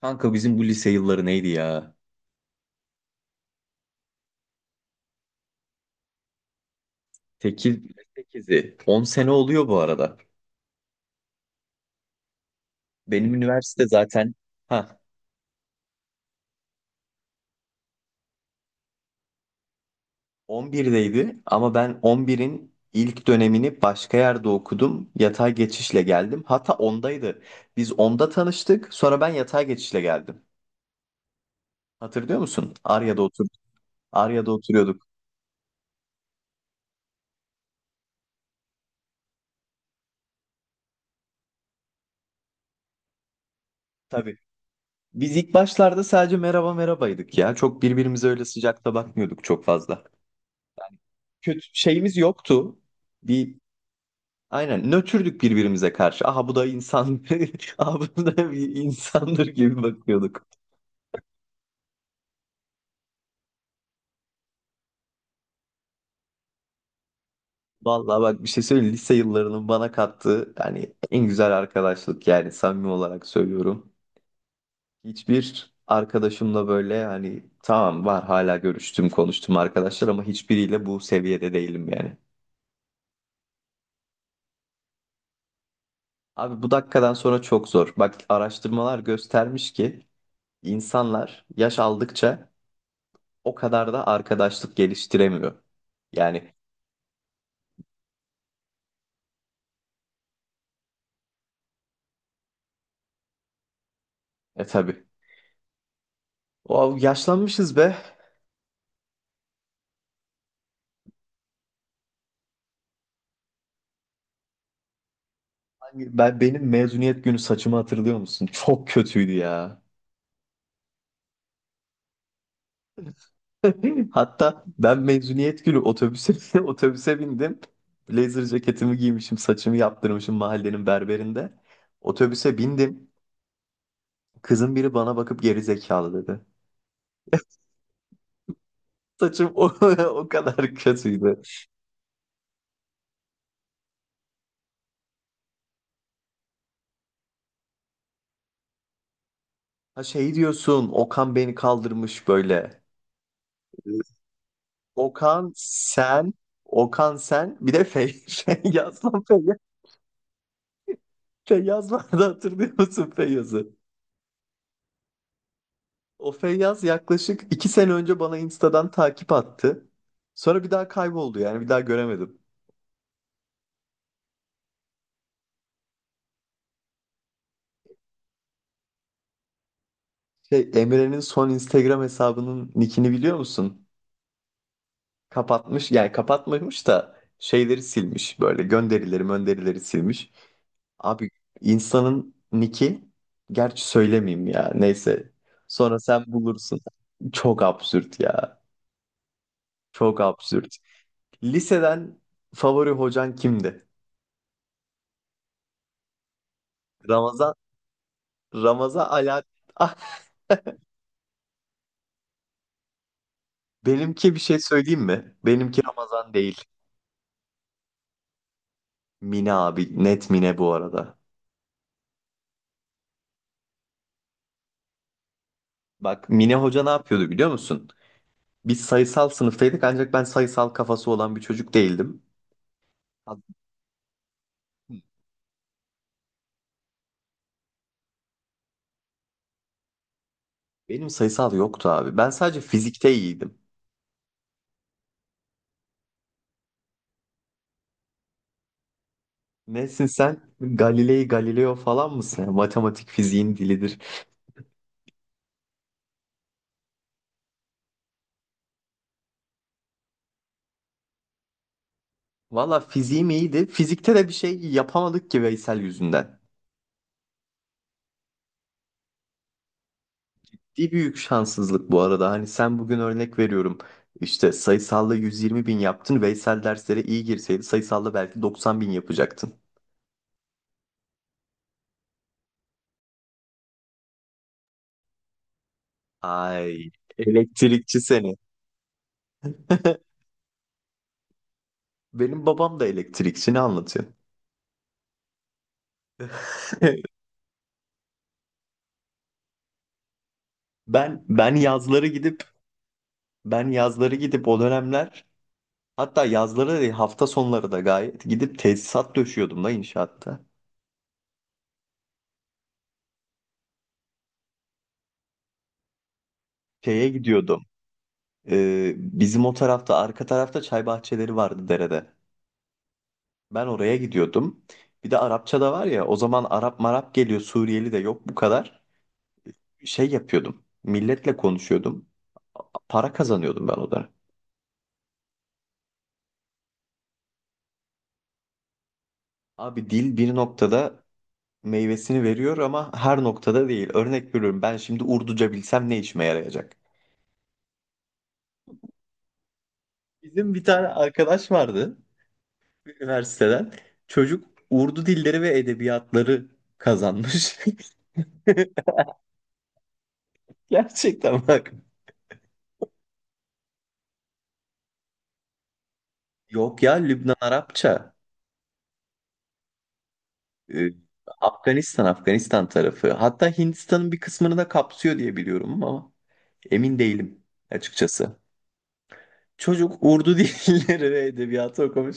Kanka bizim bu lise yılları neydi ya? 8, 8'i. 10 sene oluyor bu arada. Benim üniversite zaten ha 11'deydi ama ben 11'in ilk dönemini başka yerde okudum. Yatay geçişle geldim. Hatta 10'daydı. Biz 10'da tanıştık. Sonra ben yatay geçişle geldim. Hatırlıyor musun? Arya'da oturduk. Arya'da oturuyorduk. Tabii. Biz ilk başlarda sadece merhaba merhabaydık ya. Çok birbirimize öyle sıcakta bakmıyorduk çok fazla. Kötü şeyimiz yoktu. Bir Aynen nötrdük birbirimize karşı. Aha bu da insan. Aha bu da bir insandır gibi bakıyorduk. Vallahi bak bir şey söyleyeyim. Lise yıllarının bana kattığı yani en güzel arkadaşlık, yani samimi olarak söylüyorum. Hiçbir arkadaşımla böyle hani tamam var, hala görüştüm konuştum arkadaşlar, ama hiçbiriyle bu seviyede değilim yani. Abi bu dakikadan sonra çok zor. Bak araştırmalar göstermiş ki insanlar yaş aldıkça o kadar da arkadaşlık geliştiremiyor. Yani tabii. O, yaşlanmışız be. Ben benim mezuniyet günü saçımı hatırlıyor musun? Çok kötüydü ya. Hatta ben mezuniyet günü otobüse otobüse bindim. Blazer ceketimi giymişim, saçımı yaptırmışım mahallenin berberinde. Otobüse bindim. Kızın biri bana bakıp geri zekalı dedi. Saçım o kadar kötüydü. Ha şey diyorsun, Okan beni kaldırmış böyle. Okan sen, Okan sen, bir de Feyyaz lan, Feyyaz vardı, hatırlıyor musun Feyyaz'ı? O Feyyaz yaklaşık iki sene önce bana Insta'dan takip attı. Sonra bir daha kayboldu, yani bir daha göremedim. Şey, Emre'nin son Instagram hesabının nickini biliyor musun? Kapatmış, yani kapatmamış da şeyleri silmiş böyle, gönderileri gönderileri silmiş. Abi insanın nicki, gerçi söylemeyeyim ya, neyse. Sonra sen bulursun. Çok absürt ya. Çok absürt. Liseden favori hocan kimdi? Ramazan Ramazan ala, ah, benimki bir şey söyleyeyim mi? Benimki Ramazan değil. Mine abi. Net Mine bu arada. Bak Mine hoca ne yapıyordu biliyor musun? Biz sayısal sınıftaydık ancak ben sayısal kafası olan bir çocuk değildim. Benim sayısal yoktu abi. Ben sadece fizikte iyiydim. Nesin sen? Galilei Galileo falan mısın? Yani matematik fiziğin dilidir. Valla fiziğim iyiydi. Fizikte de bir şey yapamadık ki Veysel yüzünden. Ciddi büyük şanssızlık bu arada. Hani sen, bugün örnek veriyorum. İşte sayısalla 120 bin yaptın. Veysel derslere iyi girseydi sayısalla belki 90 bin yapacaktın. Ay, elektrikçi seni. Benim babam da elektrikçi, ne anlatıyor? Ben yazları gidip o dönemler, hatta yazları da değil, hafta sonları da gayet gidip tesisat döşüyordum da inşaatta. Şeye gidiyordum. Bizim o tarafta, arka tarafta çay bahçeleri vardı derede. Ben oraya gidiyordum. Bir de Arapça da var ya, o zaman Arap marap geliyor, Suriyeli de yok bu kadar. Şey yapıyordum. Milletle konuşuyordum. Para kazanıyordum ben o da. Abi dil bir noktada meyvesini veriyor, ama her noktada değil. Örnek veriyorum, ben şimdi Urduca bilsem ne işime yarayacak? Bizim bir tane arkadaş vardı üniversiteden. Çocuk Urdu dilleri ve edebiyatları kazanmış. Gerçekten bak. Yok ya, Lübnan Arapça. Ee, Afganistan, Afganistan tarafı. Hatta Hindistan'ın bir kısmını da kapsıyor diye biliyorum ama emin değilim açıkçası. Çocuk Urdu dilleri ve edebiyatı okumuş.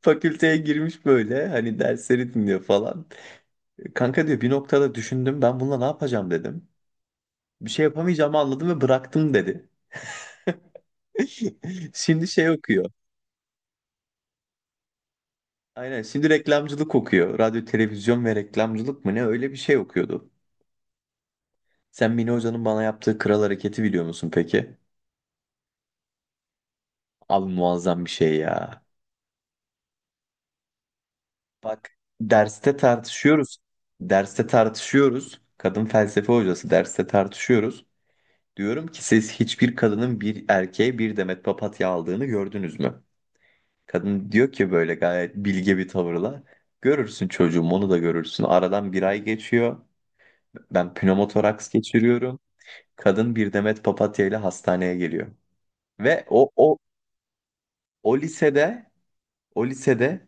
Fakülteye girmiş böyle, hani dersleri dinliyor falan. Kanka diyor, bir noktada düşündüm ben, bununla ne yapacağım dedim. Bir şey yapamayacağımı anladım ve bıraktım dedi. Şimdi şey okuyor. Aynen, şimdi reklamcılık okuyor. Radyo, televizyon ve reklamcılık mı ne, öyle bir şey okuyordu. Sen Mine Hoca'nın bana yaptığı kral hareketi biliyor musun peki? Abi muazzam bir şey ya. Bak, derste tartışıyoruz. Derste tartışıyoruz. Kadın felsefe hocası, derste tartışıyoruz. Diyorum ki siz hiçbir kadının bir erkeğe bir demet papatya aldığını gördünüz mü? Kadın diyor ki böyle gayet bilge bir tavırla. Görürsün çocuğum, onu da görürsün. Aradan bir ay geçiyor. Ben pnömotoraks geçiriyorum. Kadın bir demet papatya ile hastaneye geliyor. Ve o lisede o lisede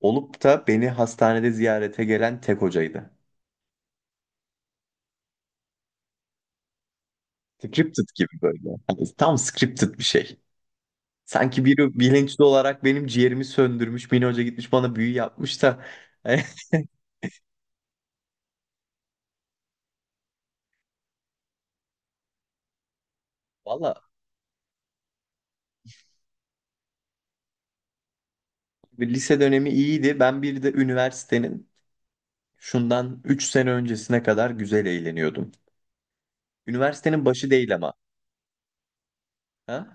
olup da beni hastanede ziyarete gelen tek hocaydı. Scripted gibi böyle. Hani tam scripted bir şey. Sanki biri bilinçli olarak benim ciğerimi söndürmüş, beni, hoca gitmiş bana büyü yapmış da. Valla lise dönemi iyiydi. Ben bir de üniversitenin şundan 3 sene öncesine kadar güzel eğleniyordum. Üniversitenin başı değil ama. Ha?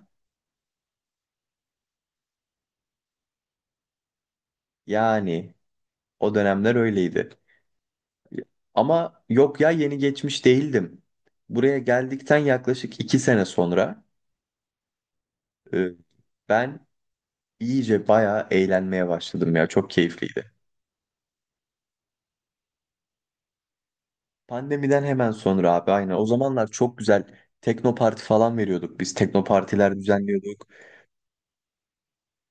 Yani o dönemler öyleydi. Ama yok ya, yeni geçmiş değildim. Buraya geldikten yaklaşık 2 sene sonra Ee, Ben iyice bayağı eğlenmeye başladım ya. Çok keyifliydi. Pandemiden hemen sonra abi, aynen. O zamanlar çok güzel teknoparti falan veriyorduk. Biz teknopartiler düzenliyorduk.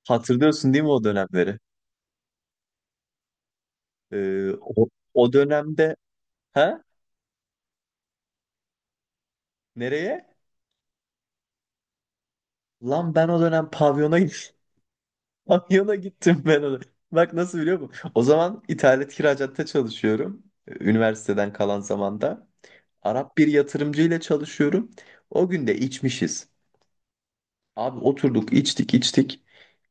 Hatırlıyorsun değil mi o dönemleri? O, o dönemde ha? Nereye? Lan ben o dönem pavyona gittim. Pavyona gittim ben o dönem. Bak nasıl biliyor musun? O zaman ithalat kiracaatta çalışıyorum. Üniversiteden kalan zamanda. Arap bir yatırımcı ile çalışıyorum. O gün de içmişiz. Abi oturduk içtik içtik.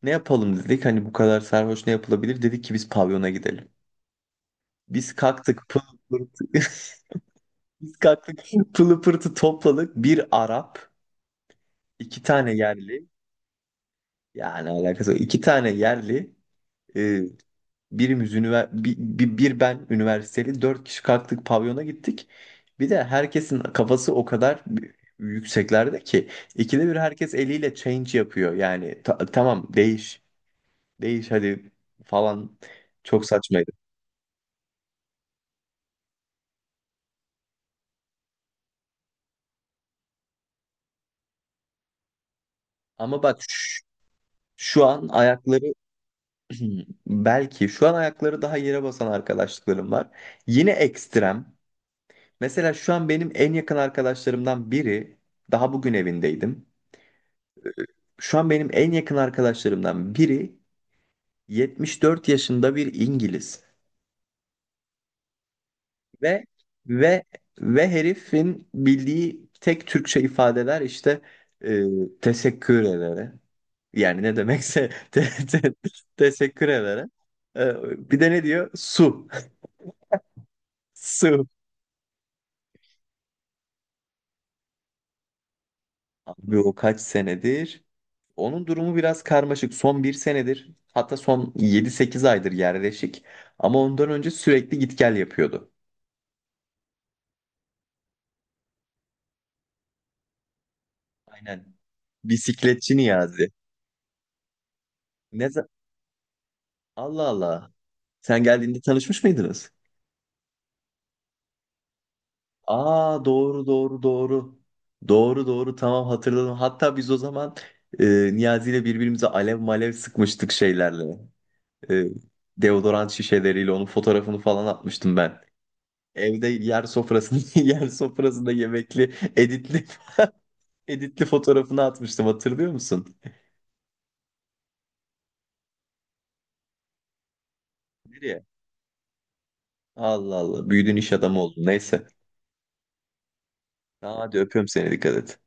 Ne yapalım dedik, hani bu kadar sarhoş ne yapılabilir? Dedik ki biz pavyona gidelim. Biz kalktık pılı pırtı. Biz kalktık pılı pırtı topladık. Bir Arap, iki tane yerli. Yani alakası yok. İki tane yerli. E, birimiz üniver bir, bir, bir ben üniversiteli. Dört kişi kalktık pavyona gittik. Bir de herkesin kafası o kadar yükseklerde ki ikide bir herkes eliyle change yapıyor. Yani tamam, değiş. Değiş hadi falan, çok saçmaydı. Ama bak ş- şu an ayakları belki şu an ayakları daha yere basan arkadaşlıklarım var. Yine ekstrem. Mesela şu an benim en yakın arkadaşlarımdan biri, daha bugün evindeydim. Ee, Şu an benim en yakın arkadaşlarımdan biri 74 yaşında bir İngiliz ve ve ve herifin bildiği tek Türkçe ifadeler işte teşekkür ederim. Yani ne demekse teşekkür ederim. Bir de ne diyor? Su. Su. Abi o kaç senedir? Onun durumu biraz karmaşık. Son bir senedir, hatta son yedi sekiz aydır yerleşik. Ama ondan önce sürekli git gel yapıyordu. Aynen. Bisikletçi Niyazi. Ne za- Allah Allah. Sen geldiğinde tanışmış mıydınız? Aa, doğru doğru doğru. Doğru doğru, tamam hatırladım. Hatta biz o zaman e, Niyazi ile birbirimize alev malev sıkmıştık şeylerle. E, Deodorant şişeleriyle onun fotoğrafını falan atmıştım ben. Evde yer sofrasında yer sofrasında yemekli editli editli fotoğrafını atmıştım, hatırlıyor musun? Nereye? Allah Allah, büyüdün, iş adamı oldun, neyse. Tamam hadi, öpüyorum seni, dikkat et.